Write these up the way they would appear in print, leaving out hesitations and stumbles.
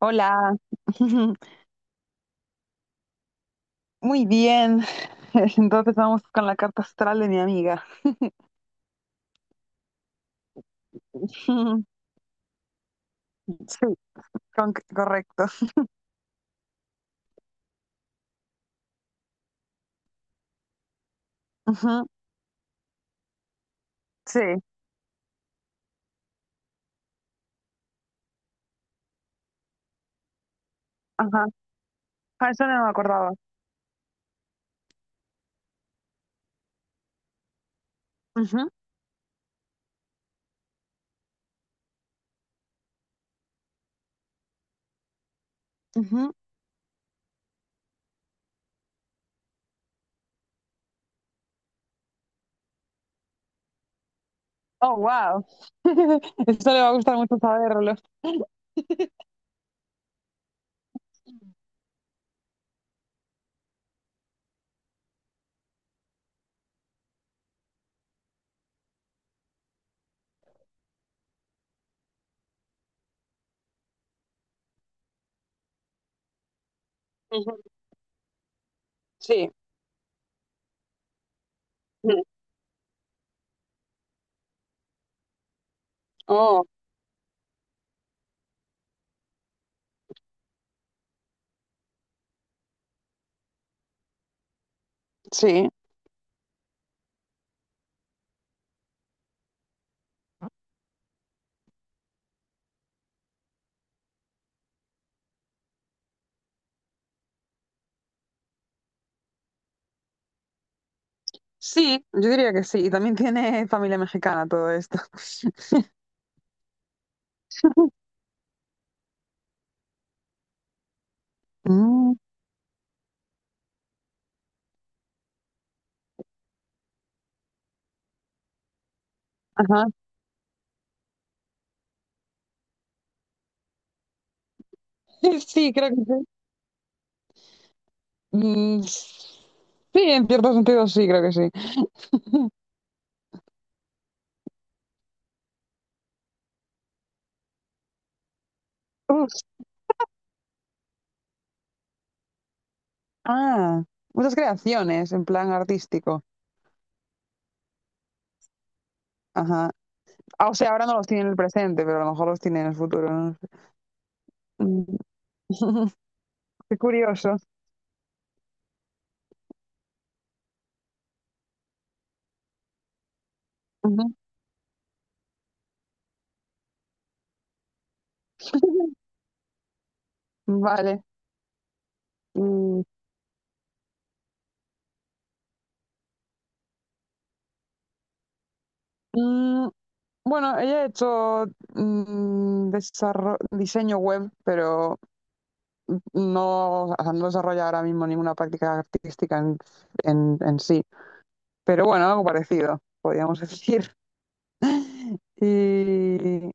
Hola. Muy bien. Entonces vamos con la carta astral de mi amiga. Sí, correcto. Ujú. Sí, ajá. Ah, eso no me acordaba. Ujú, ujú. Oh, wow. Eso le va a gustar mucho saberlo. Ujú. Sí. Ujú. Oh, sí. Sí, yo diría que sí. Y también tiene familia mexicana todo esto. Mm, ajá. Sí, creo que sí. Mm, sí, en cierto sentido sí, creo que sí. Ah, muchas creaciones en plan artístico. Ajá. Ah, o sea, ahora no los tiene en el presente, pero a lo mejor los tiene en el futuro. No sé. Mm. Qué curioso. Ujú. Vale. Y, mm, bueno, ella ha hecho diseño web, pero no, o sea, no desarrolla ahora mismo ninguna práctica artística en sí. Pero bueno, algo parecido, podríamos decir. Y,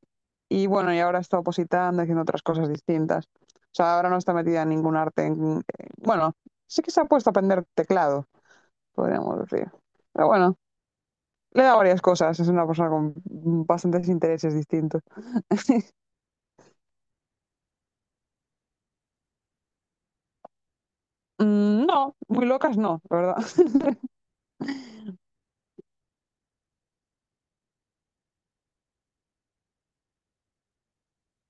y bueno, y ahora está opositando, haciendo otras cosas distintas. O sea, ahora no está metida en ningún arte. Bueno, sí que se ha puesto a aprender teclado, podríamos decir. Pero bueno, le da varias cosas. Es una persona con bastantes intereses distintos. Mm, no, muy locas no, la verdad.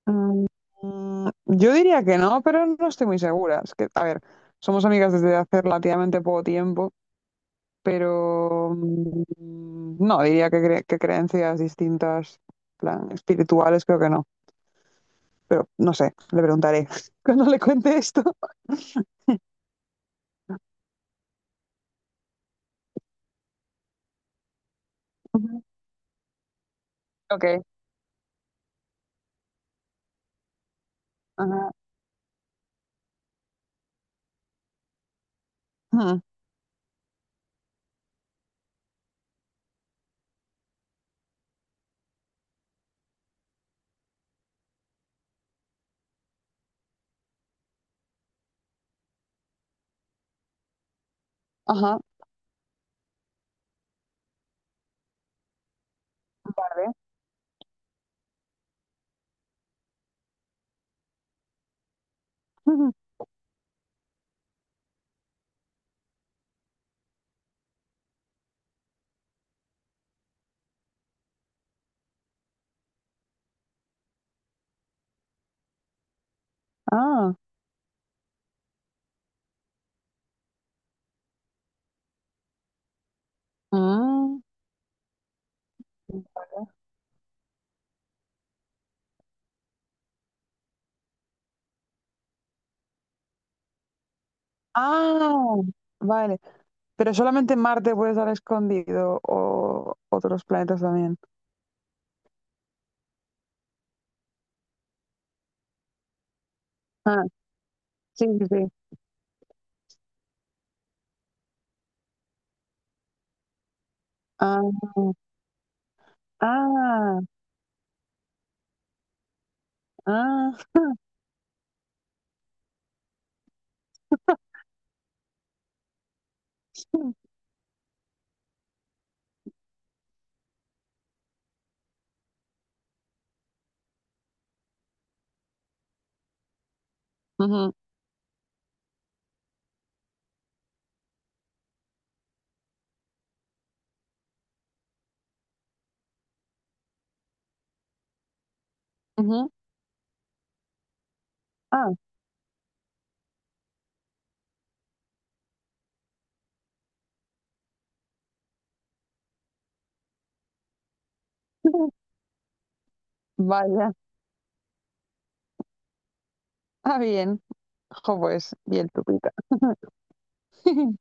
Mm, Yo diría que no, pero no estoy muy segura. Es que, a ver, somos amigas desde hace relativamente poco tiempo. Pero no, diría que, que creencias distintas, plan, espirituales, creo que no. Pero no sé, le preguntaré cuando le cuente esto. Ujú. Ok. Ajá. Mm. Ajá. Vale. Ujú. Ah. Mm. Ah, vale. Pero solamente en Marte puede estar escondido o otros planetas también. Ah, sí, sí, sí. Ah, ah, ah. Ujú, ujú. Ah. Vaya. Ah, bien. Jo, pues, bien tupita.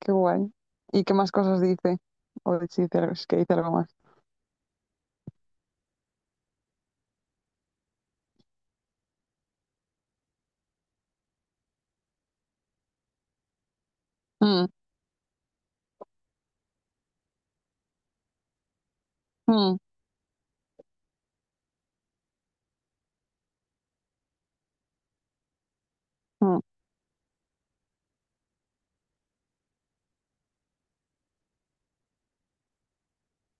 Qué guay. ¿Y qué más cosas dice? O si dice algo, es que dice algo más. Mm, mm, mm,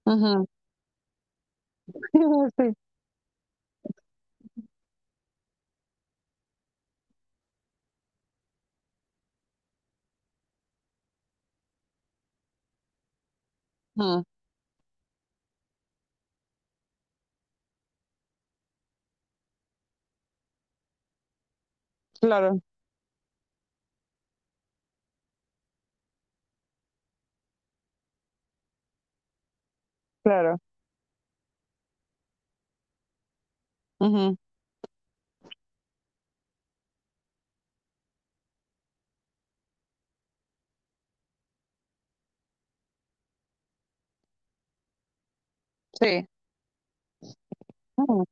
ujú. Sí, mm, claro, claro. Ujú, sí, mm,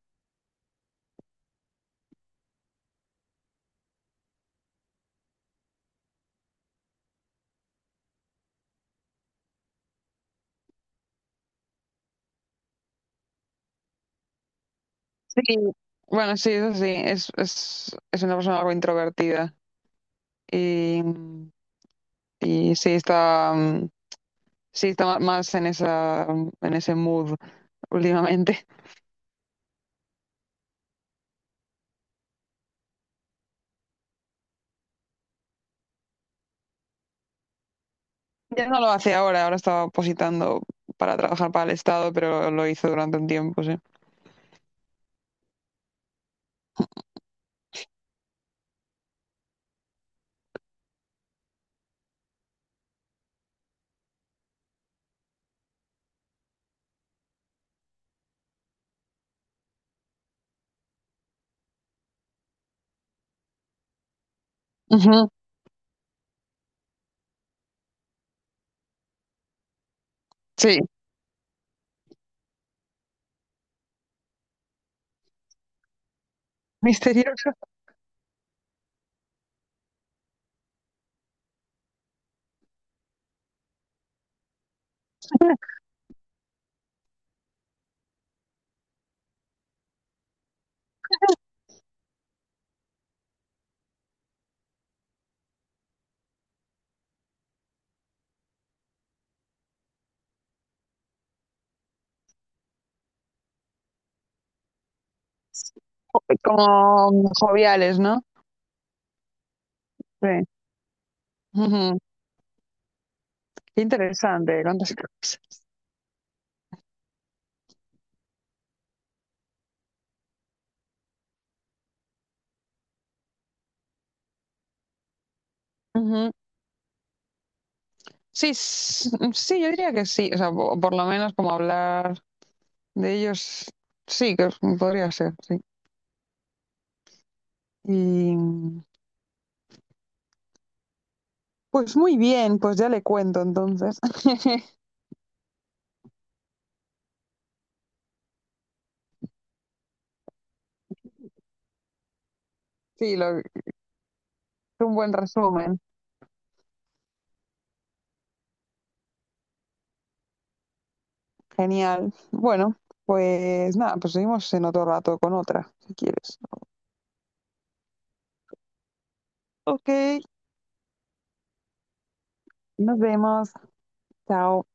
sí. Bueno, sí, eso sí. Es una persona algo introvertida. Y, y sí está, sí está más en esa, en ese mood últimamente. Ya no lo hace ahora, ahora estaba positando para trabajar para el Estado, pero lo hizo durante un tiempo, sí. Sí, misteriosos. Como joviales, ¿no? Sí. Ujú. Qué interesante. Ujú. Sí, sí, yo diría que sí. O sea, por, lo menos como hablar de ellos, sí, podría ser, sí. Y pues muy bien, pues ya le cuento entonces. Sí, es un buen resumen. Genial. Bueno, pues nada, pues seguimos en otro rato con otra, si quieres. Ok, nos vemos. Chao.